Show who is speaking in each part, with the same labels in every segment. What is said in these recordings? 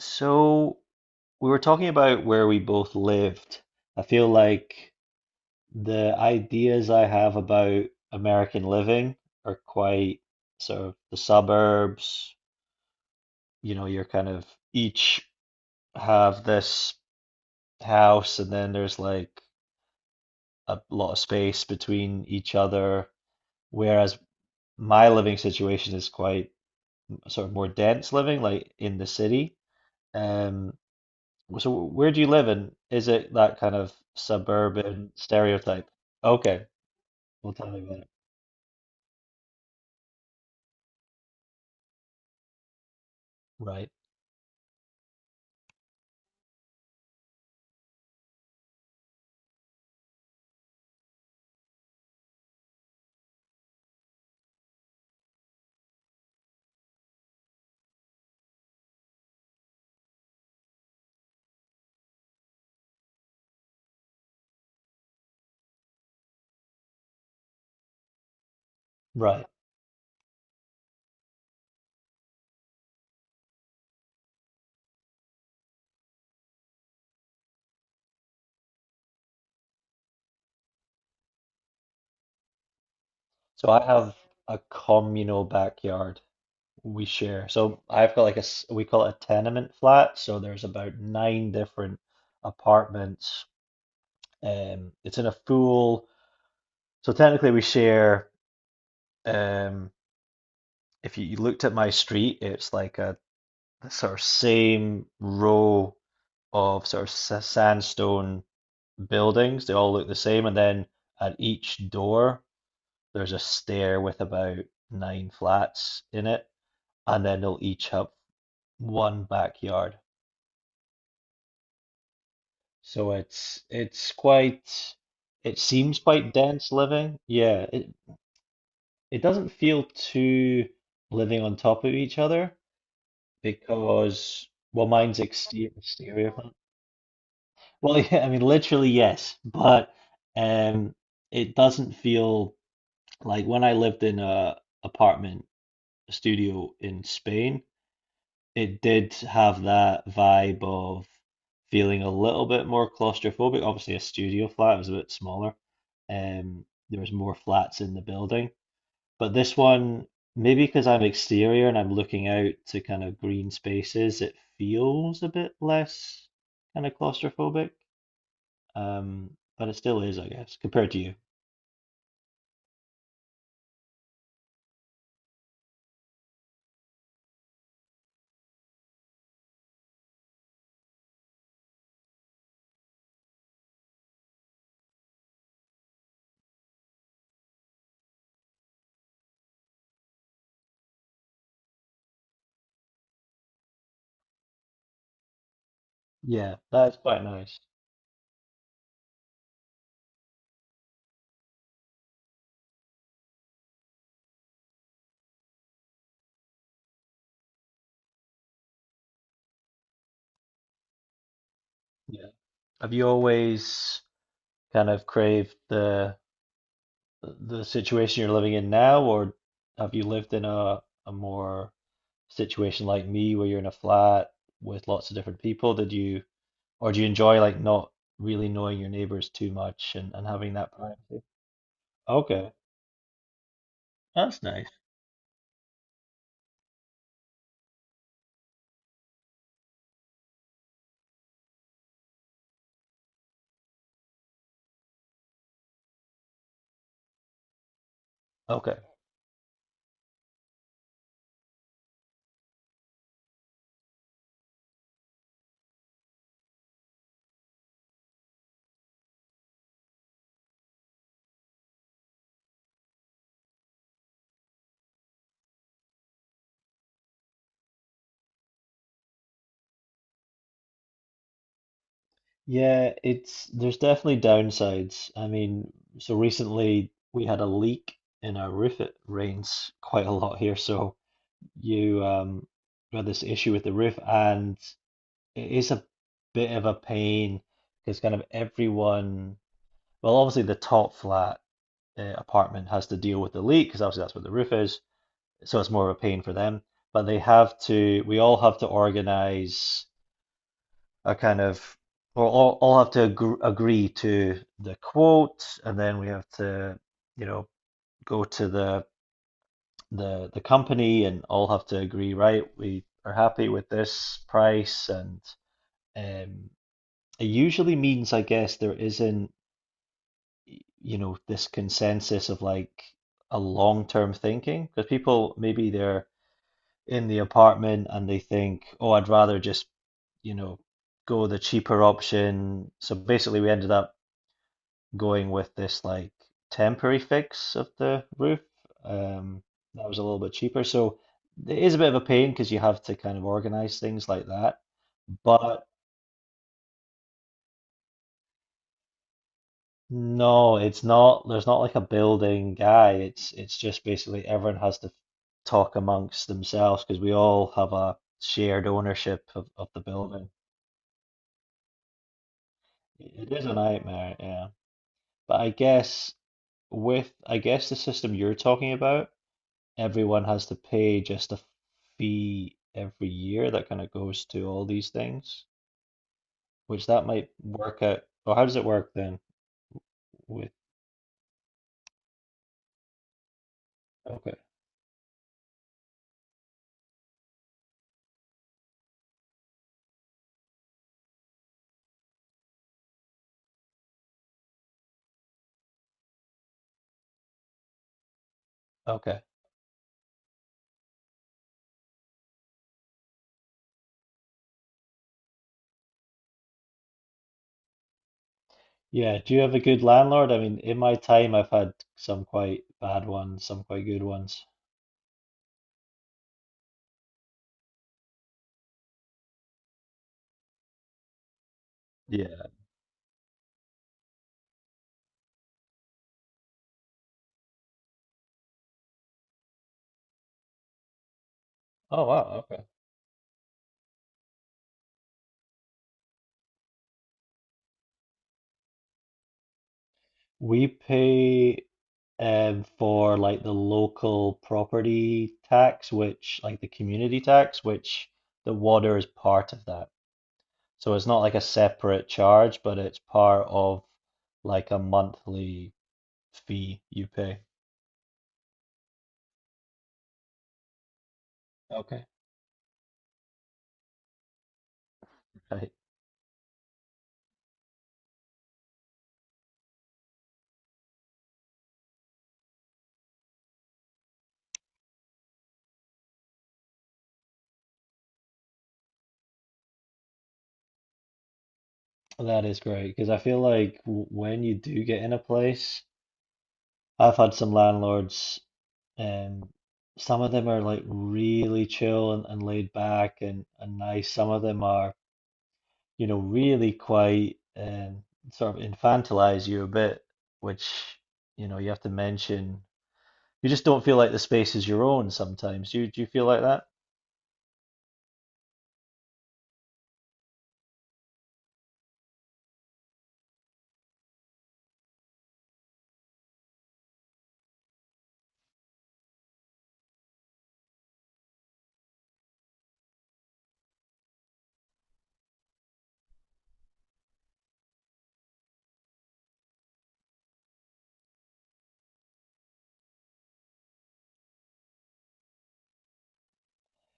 Speaker 1: So we were talking about where we both lived. I feel like the ideas I have about American living are quite sort of the suburbs, you know, you're kind of each have this house and then there's like a lot of space between each other. Whereas my living situation is quite sort of more dense living, like in the city. Um, So where do you live in? Is it that kind of suburban stereotype? Okay, well tell me about it. Right, right. So I have a communal backyard we share. So I've got like a we call it a tenement flat. So there's about nine different apartments. It's in a full. So technically we share. Um, if you looked at my street, it's like a sort of same row of sort of sandstone buildings. They all look the same, and then at each door there's a stair with about nine flats in it, and then they'll each have one backyard. So it's quite it seems quite dense living. Yeah, it doesn't feel too living on top of each other because well mine's exterior. Well, yeah, I mean, literally, yes, but um, it doesn't feel like when I lived in a apartment studio in Spain, it did have that vibe of feeling a little bit more claustrophobic. Obviously, a studio flat was a bit smaller. Um, there was more flats in the building, but this one, maybe because I'm exterior and I'm looking out to kind of green spaces, it feels a bit less kind of claustrophobic. Um, but it still is, I guess, compared to you. Yeah, that's quite nice. Yeah. Have you always kind of craved the situation you're living in now, or have you lived in a more situation like me where you're in a flat with lots of different people? Did you, or do you enjoy like not really knowing your neighbors too much and having that privacy? Okay, that's nice. Okay. Yeah, it's there's definitely downsides. I mean, so recently we had a leak in our roof. It rains quite a lot here, so you we had this issue with the roof, and it is a bit of a pain because kind of everyone, well, obviously the top flat apartment has to deal with the leak because obviously that's where the roof is, so it's more of a pain for them. But they have to, we all have to organize a kind of well, all have to agree to the quote, and then we have to, you know, go to the the company and all have to agree, right? We are happy with this price, and um, it usually means, I guess, there isn't, you know, this consensus of like a long-term thinking because people maybe they're in the apartment and they think, oh, I'd rather just, you know, go the cheaper option. So basically, we ended up going with this like temporary fix of the roof. Um, that was a little bit cheaper. So it is a bit of a pain because you have to kind of organize things like that. But no, it's not. There's not like a building guy. It's just basically everyone has to talk amongst themselves because we all have a shared ownership of the building. It is a nightmare, yeah. But I guess with I guess the system you're talking about everyone has to pay just a fee every year that kind of goes to all these things, which that might work out. Or how does it work then with, okay, okay. Yeah, do you have a good landlord? I mean, in my time, I've had some quite bad ones, some quite good ones. Yeah. Oh, wow, okay. We pay for like the local property tax, which like the community tax, which the water is part of that. So it's not like a separate charge, but it's part of like a monthly fee you pay. Okay. Right. That is great because I feel like w when you do get in a place, I've had some landlords, um, some of them are like really chill and laid back and nice. Some of them are, you know, really quite sort of infantilize you a bit, which, you know, you have to mention. You just don't feel like the space is your own sometimes. Do you feel like that?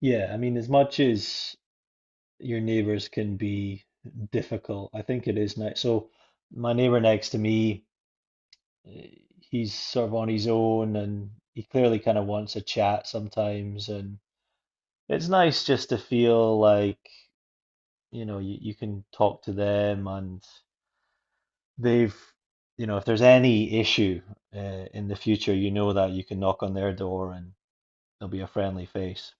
Speaker 1: Yeah, I mean, as much as your neighbors can be difficult, I think it is nice. So, my neighbor next to me, eh, he's sort of on his own and he clearly kind of wants a chat sometimes. And it's nice just to feel like, you know, you can talk to them and they've, you know, if there's any issue in the future, you know that you can knock on their door and there'll be a friendly face.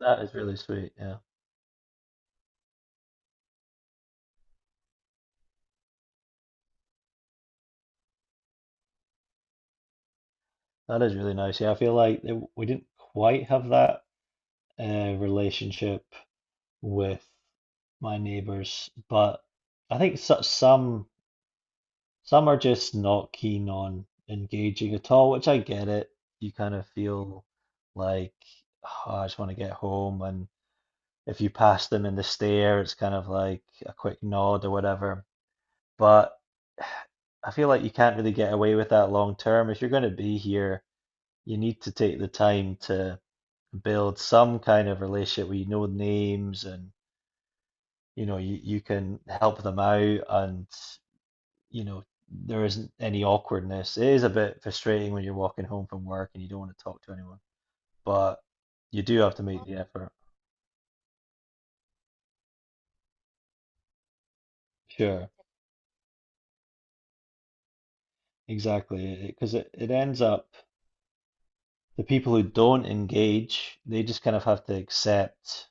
Speaker 1: That is really sweet. Yeah, that is really nice. Yeah, I feel like it, we didn't quite have that relationship with my neighbors, but I think so, some are just not keen on engaging at all, which I get it. You kind of feel like, "Oh, I just want to get home and if you pass them in the stair, it's kind of like a quick nod or whatever." But I feel like you can't really get away with that long term. If you're going to be here, you need to take the time to build some kind of relationship where you know names and you know you can help them out and you know there isn't any awkwardness. It is a bit frustrating when you're walking home from work and you don't want to talk to anyone, but you do have to make the effort. Sure, exactly, because it ends up the people who don't engage, they just kind of have to accept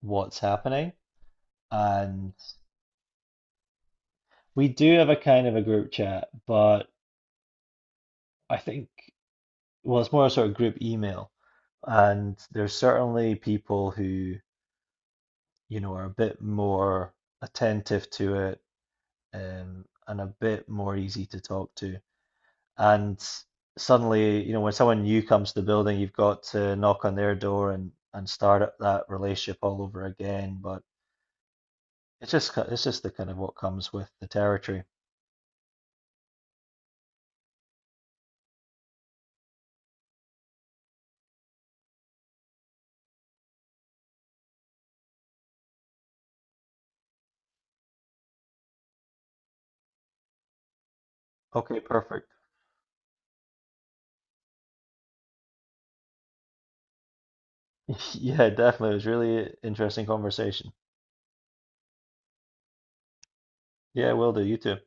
Speaker 1: what's happening. And we do have a kind of a group chat, but I think, well, it's more a sort of group email. And there's certainly people who, you know, are a bit more attentive to it, and a bit more easy to talk to. And suddenly, you know, when someone new comes to the building, you've got to knock on their door and start up that relationship all over again. But it's just the kind of what comes with the territory. Okay, perfect. Yeah, definitely. It was really interesting conversation. Yeah, will do. You too.